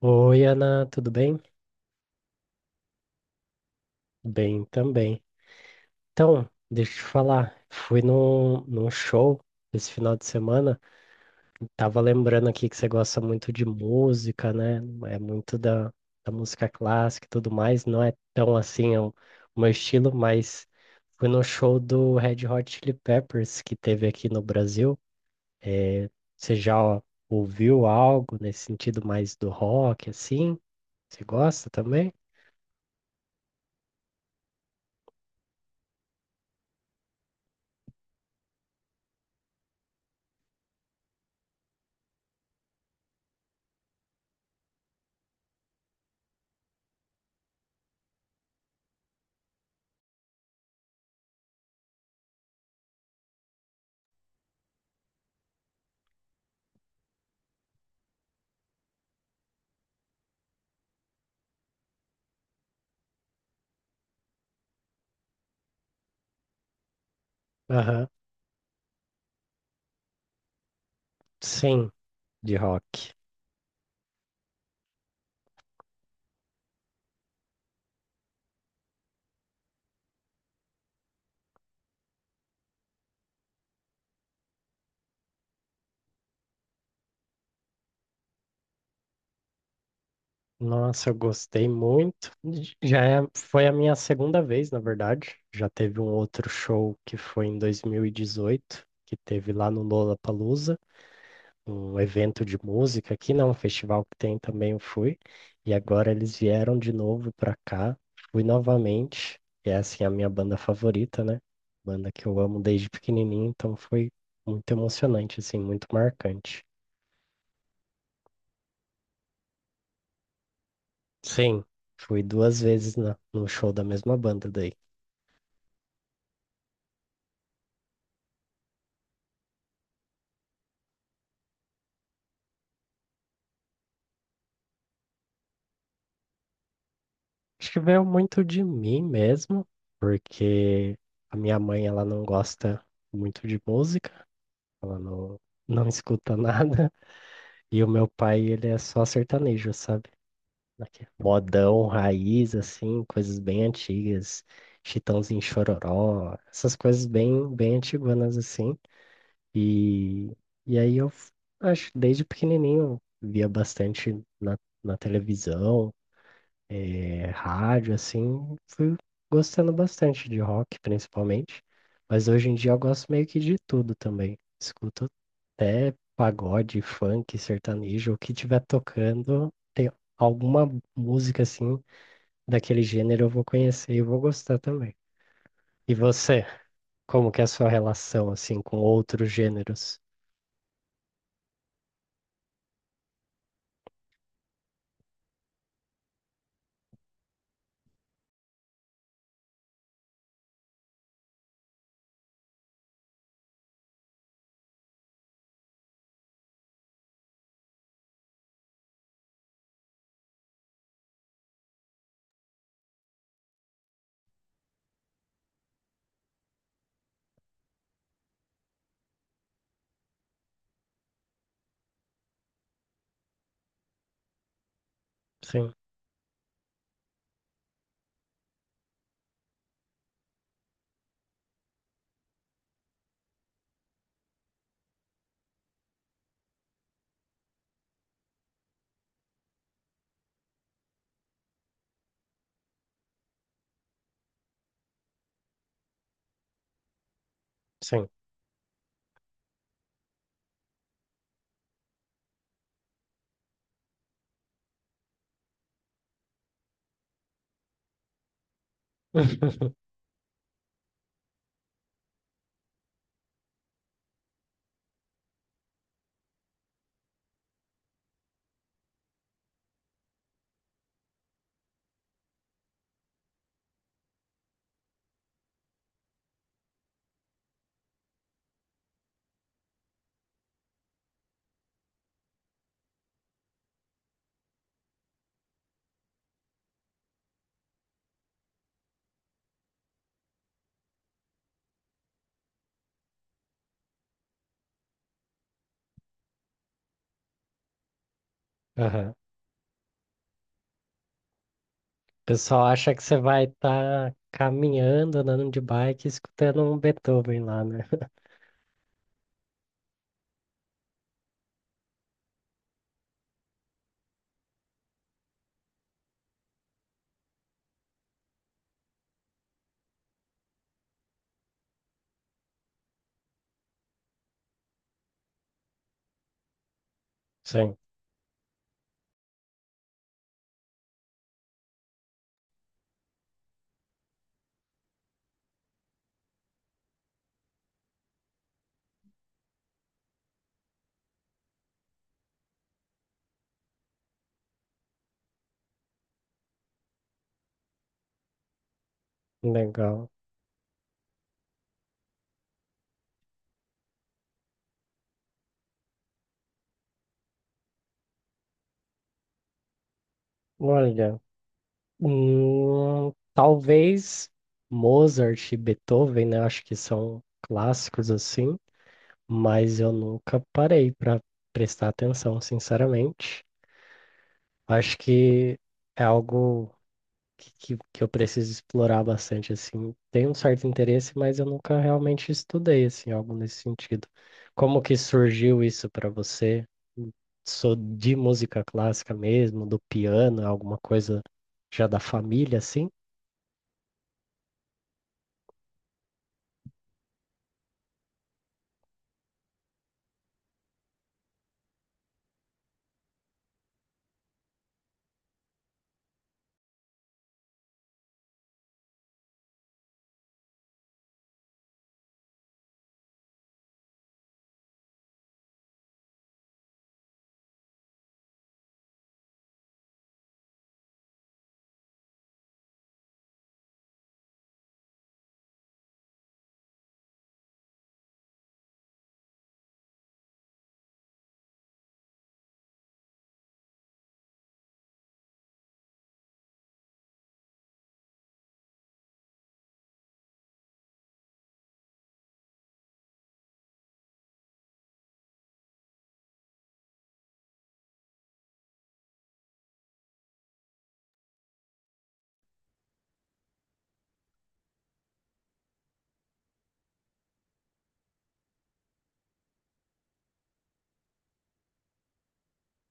Oi, Ana, tudo bem? Bem também. Então, deixa eu te falar, fui num show esse final de semana. Tava lembrando aqui que você gosta muito de música, né? É muito da música clássica e tudo mais. Não é tão assim é o meu estilo, mas fui no show do Red Hot Chili Peppers que teve aqui no Brasil. Eh, Você já ouviu algo nesse sentido mais do rock, assim? Você gosta também? Aham. Sim, de rock. Nossa, eu gostei muito. Foi a minha segunda vez, na verdade. Já teve um outro show que foi em 2018, que teve lá no Lollapalooza, um evento de música aqui, não, um festival que tem também eu fui. E agora eles vieram de novo pra cá. Fui novamente. E é assim a minha banda favorita, né? Banda que eu amo desde pequenininho, então foi muito emocionante, assim, muito marcante. Sim, fui duas vezes no show da mesma banda daí. Acho que veio muito de mim mesmo, porque a minha mãe ela não gosta muito de música, ela não, não escuta nada, e o meu pai ele é só sertanejo, sabe? Aqui, modão, raiz, assim, coisas bem antigas, Chitãozinho Chororó, essas coisas bem antiguanas assim. E, e aí acho, desde pequenininho, eu via bastante na, na televisão, rádio, assim, fui gostando bastante de rock, principalmente. Mas hoje em dia eu gosto meio que de tudo também. Escuto até pagode, funk, sertanejo, o que tiver tocando, tem alguma música assim daquele gênero eu vou conhecer e vou gostar também. E você, como que é a sua relação assim com outros gêneros? Sim, sim. Aham. O pessoal acha que você vai estar caminhando, andando de bike, escutando um Beethoven lá, né? Sim, legal. Olha, talvez Mozart e Beethoven, né? Acho que são clássicos assim, mas eu nunca parei para prestar atenção, sinceramente. Acho que é algo que, que eu preciso explorar bastante, assim. Tem um certo interesse, mas eu nunca realmente estudei, assim, algo nesse sentido. Como que surgiu isso para você? Sou de música clássica mesmo, do piano, alguma coisa já da família, assim?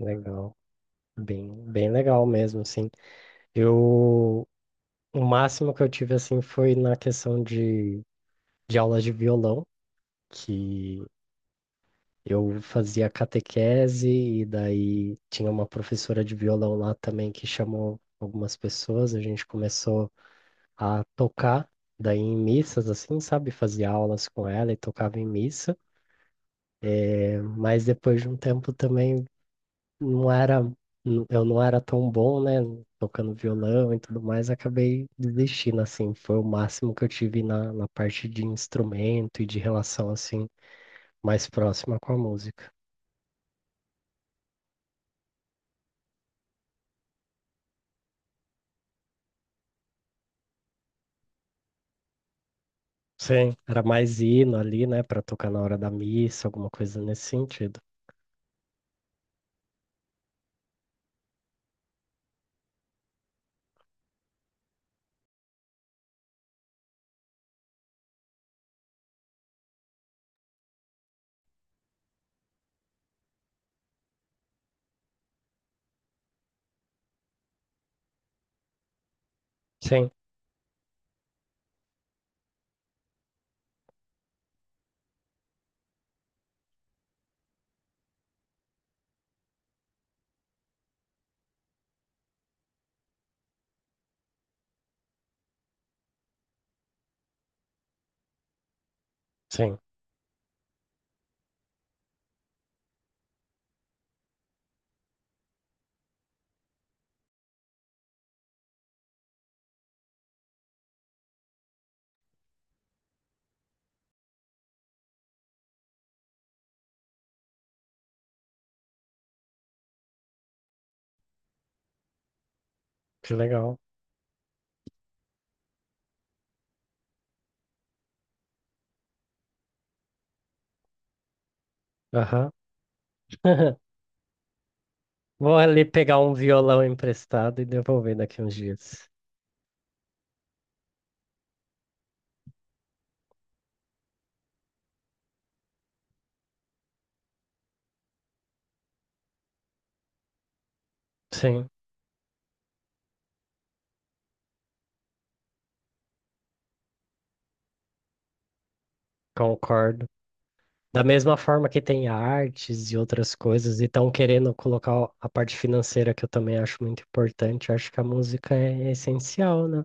Legal. Bem, bem legal mesmo, assim. Eu, o máximo que eu tive, assim, foi na questão de aulas de violão, que eu fazia catequese e daí tinha uma professora de violão lá também que chamou algumas pessoas, a gente começou a tocar daí em missas assim, sabe? Fazia aulas com ela e tocava em missa. Mas depois de um tempo também não era eu não era tão bom, né, tocando violão e tudo mais, acabei desistindo assim, foi o máximo que eu tive na parte de instrumento e de relação assim mais próxima com a música. Sim, era mais hino ali, né, pra tocar na hora da missa, alguma coisa nesse sentido. Sim, sim, que legal. Aham. Vou ali pegar um violão emprestado e devolver daqui uns dias. Sim, concordo. Da mesma forma que tem artes e outras coisas, e estão querendo colocar a parte financeira, que eu também acho muito importante, acho que a música é essencial, né?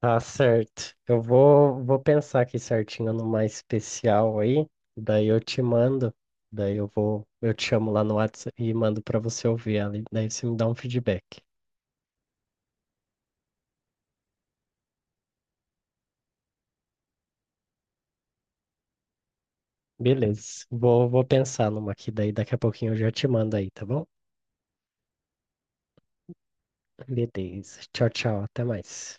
Tá certo. Eu vou, vou pensar aqui certinho numa especial aí, daí eu te mando, daí eu te chamo lá no WhatsApp e mando pra você ouvir ali, daí você me dá um feedback. Beleza. Vou, vou pensar numa aqui, daí daqui a pouquinho eu já te mando aí, tá bom? Beleza. Tchau, tchau. Até mais.